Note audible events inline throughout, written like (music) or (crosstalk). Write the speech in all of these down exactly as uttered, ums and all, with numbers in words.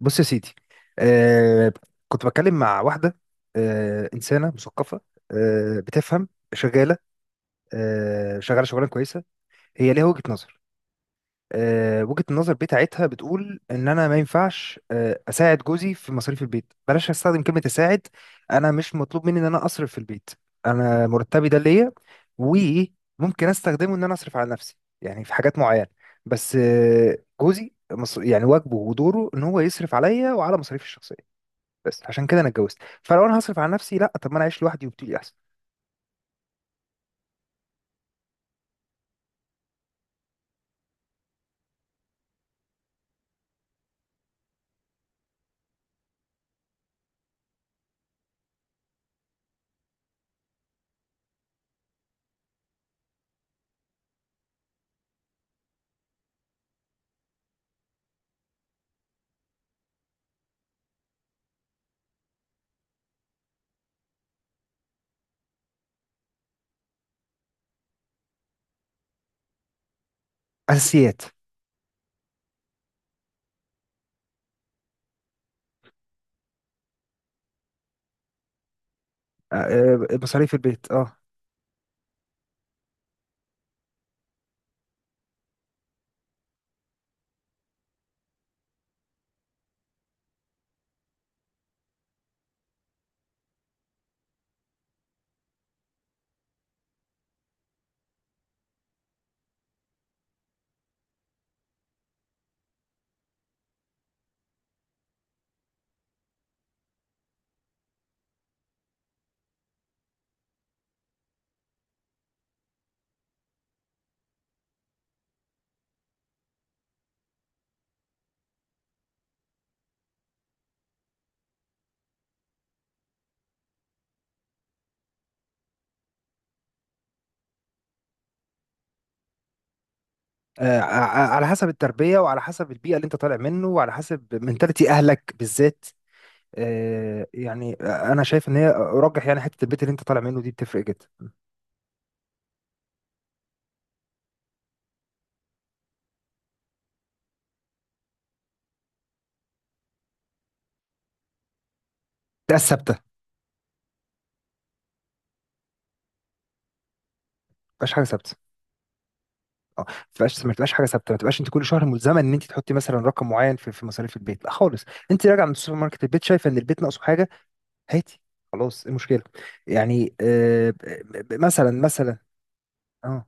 بص يا سيدي. آه كنت بتكلم مع واحدة، آه إنسانة مثقفة آه بتفهم، شغالة آه شغالة شغلانة كويسة. هي ليها وجهة نظر، آه وجهة النظر بتاعتها بتقول إن أنا ما ينفعش آه أساعد جوزي في مصاريف البيت. بلاش أستخدم كلمة أساعد. أنا مش مطلوب مني إن أنا أصرف في البيت. أنا مرتبي ده ليا، وممكن أستخدمه إن أنا أصرف على نفسي، يعني في حاجات معينة. بس آه جوزي مص- يعني واجبه ودوره إن هو يصرف عليا وعلى مصاريفي الشخصية. بس عشان كده انا اتجوزت. فلو انا هصرف على نفسي، لا، طب ما انا اعيش لوحدي وبتقولي احسن. اساسيات. آه، آه، مصاريف البيت اه. آه، ع- على حسب التربيه، وعلى حسب البيئه اللي انت طالع منه، وعلى حسب منتاليتي اهلك بالذات. آه، يعني آه، انا شايف ان هي ارجح، يعني حته البيت اللي انت طالع منه دي بتفرق جدا. ده ثابته، ما تبقاش حاجه ثابته. اه ما تبقاش ما تبقاش حاجه ثابته، ما تبقاش انت كل شهر ملزمه ان انت تحطي مثلا رقم معين في في مصاريف البيت، لا خالص. انت راجع من السوبر ماركت، البيت شايفه ان البيت ناقصه حاجه، هاتي. خلاص ايه المشكله؟ يعني آه، ب- ب- مثلا مثلا اه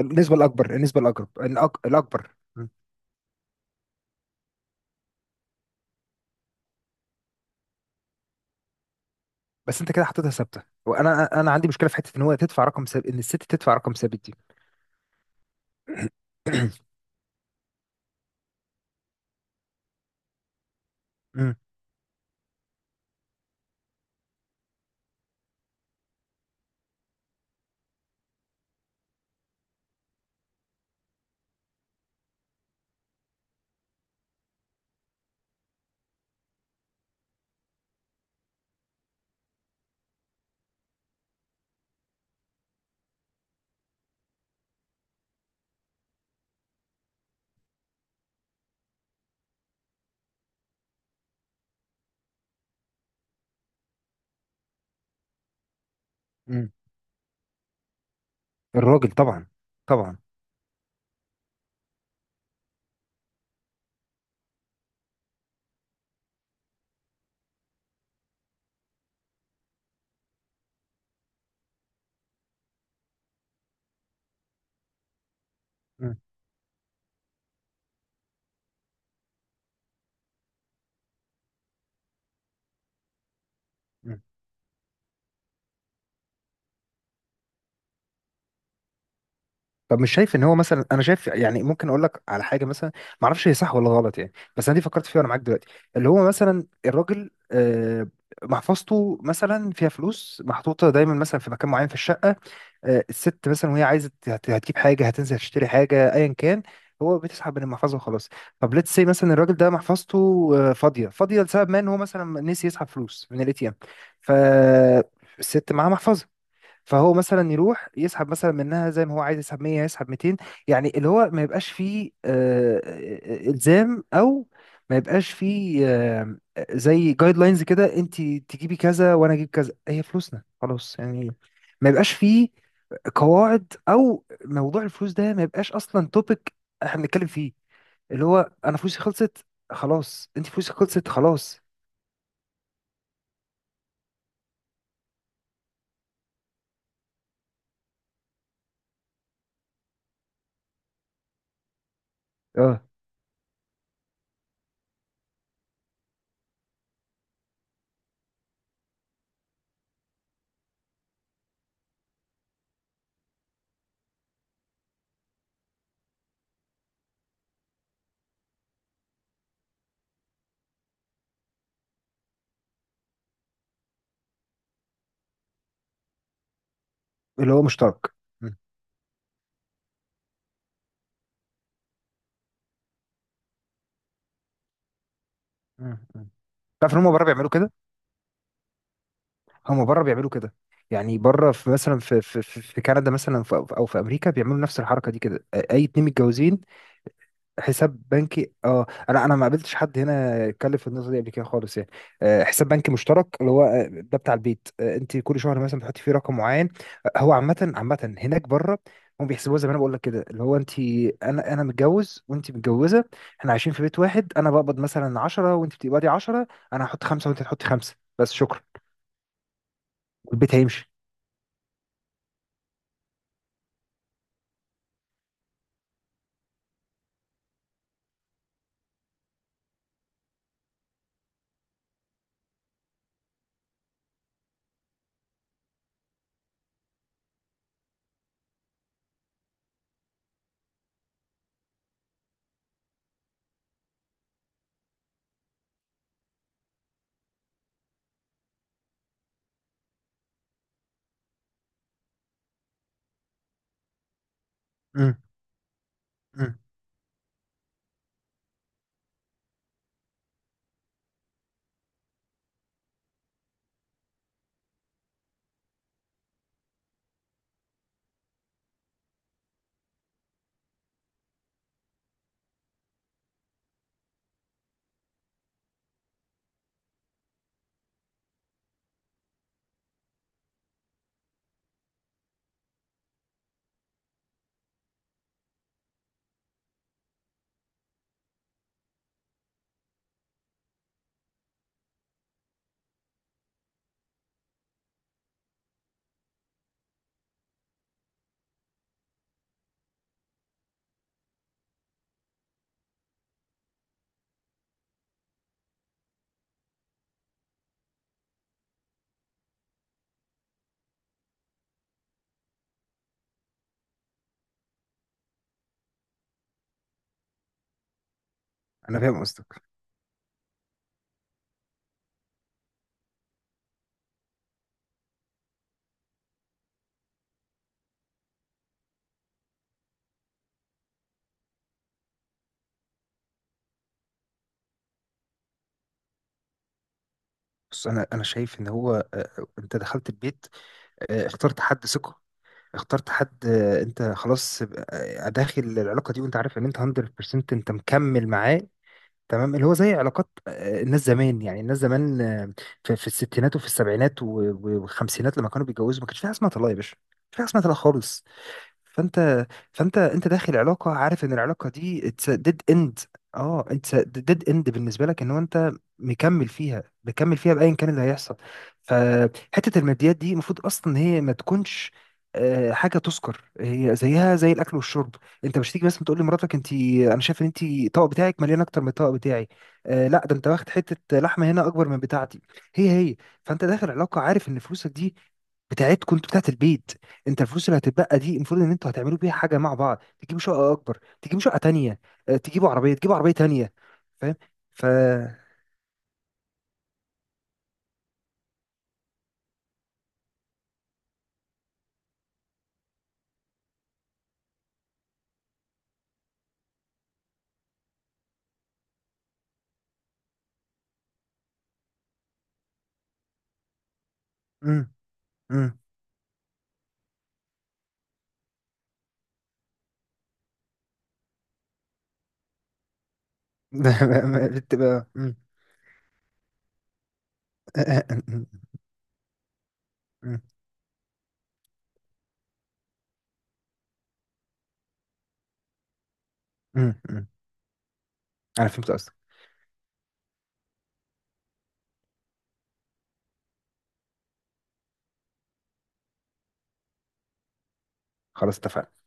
النسبه الاكبر، النسبه الاقرب، الأك- الاكبر. مم. بس انت كده حطيتها ثابته، وانا انا عندي مشكله في حته ان هو تدفع رقم ثابت، ان الست تدفع رقم ثابت دي. (clears throat) (coughs) مم. مم. الراجل طبعا. طبعا. مم. مم. فمش شايف ان هو مثلا، انا شايف يعني ممكن اقول لك على حاجه مثلا، ما اعرفش هي صح ولا غلط، يعني بس انا دي فكرت فيها وانا معاك دلوقتي. اللي هو مثلا الراجل آه، محفظته مثلا فيها فلوس محطوطه دايما مثلا في مكان معين في الشقه. آه، الست مثلا وهي عايزه هت- هتجيب حاجه، هتنزل تشتري حاجه ايا كان، هو بتسحب من المحفظه وخلاص. طب ليتس سي مثلا الراجل ده محفظته آه، فاضيه، فاضيه لسبب ما ان هو مثلا نسي يسحب فلوس من الاي تي ام. فالست معاها محفظه، فهو مثلا يروح يسحب مثلا منها، زي ما هو عايز يسحب ميه يسحب ميتين. يعني اللي هو ما يبقاش فيه آه، آه، آه، الزام او ما يبقاش فيه آه، زي جايد لاينز كده، انت تجيبي كذا وانا اجيب كذا، هي فلوسنا خلاص يعني. ما يبقاش فيه قواعد، او موضوع الفلوس ده ما يبقاش اصلا توبيك احنا بنتكلم فيه. اللي هو انا فلوسي خلصت، خلاص انت فلوسك خلصت، خلاص. اه اللي هو مشترك. مم. مم. مم. تعرف ان هم بره بيعملوا كده؟ هم بره بيعملوا كده، يعني بره في مثلا في في في في كندا مثلا، في- او في امريكا بيعملوا نفس الحركه دي كده، اي اتنين متجوزين. حساب بنكي. اه انا انا ما قابلتش حد هنا اتكلم في النقطه دي قبل كده خالص يعني. آه، حساب بنكي مشترك، اللي هو آه، ده بتاع البيت، آه، انت كل شهر مثلا بتحطي فيه رقم معين. آه، هو عامه عامه هناك بره، هم بيحسبوها زي ما انا بقول لك كده، اللي هو انت. انا انا متجوز وانت متجوزه، احنا عايشين في بيت واحد، انا بقبض مثلا عشره وانت بتقبضي عشره، انا هحط خمسه وانت تحطي خمسه بس، شكرا والبيت هيمشي. إمم. مم. انا فاهم قصدك. بص انا انا شايف ان هو، آه، انت دخلت البيت، آه، اخترت حد ثقه، اخترت حد، آه، انت خلاص آه، داخل العلاقه دي، وانت عارف ان انت ميه بالميه انت مكمل معاه. تمام، اللي هو زي علاقات آه، الناس زمان، يعني الناس زمان آه، في في الستينات وفي السبعينات و- و- والخمسينات، لما كانوا بيتجوزوا ما كانش في حاجه اسمها طلاق يا باشا، ما كانش في حاجه اسمها طلاق خالص. فانت فانت انت داخل علاقه، عارف ان العلاقه دي it's a dead end. اه it's a dead end بالنسبه لك، ان هو انت مكمل فيها، مكمل فيها بايا كان اللي هيحصل. فحته الماديات دي المفروض اصلا إن هي ما تكونش آه، حاجه تذكر، هي زيها زي الاكل والشرب. انت مش تيجي مثلا تقول لمراتك: انت انا شايف ان انت الطبق بتاعك مليان اكتر من الطبق بتاعي. آه لا، ده انت واخد حته لحمه هنا اكبر من بتاعتي، هي هي. فانت داخل علاقه عارف ان فلوسك دي بتاعتكم انتوا، بتاعت البيت. انت الفلوس اللي هتتبقى دي المفروض ان انتوا هتعملوا بيها حاجه مع بعض، تجيبوا شقه اكبر، تجيبوا شقه تانية. اه، تجيبوا عربيه، تجيبوا عربيه تانية. فاهم؟ ف امم. امم. (laughs) بتبقى امم. (laughs) امم. امم. امم. انا فهمت قصدك. (laughs) خلاص اتفقنا.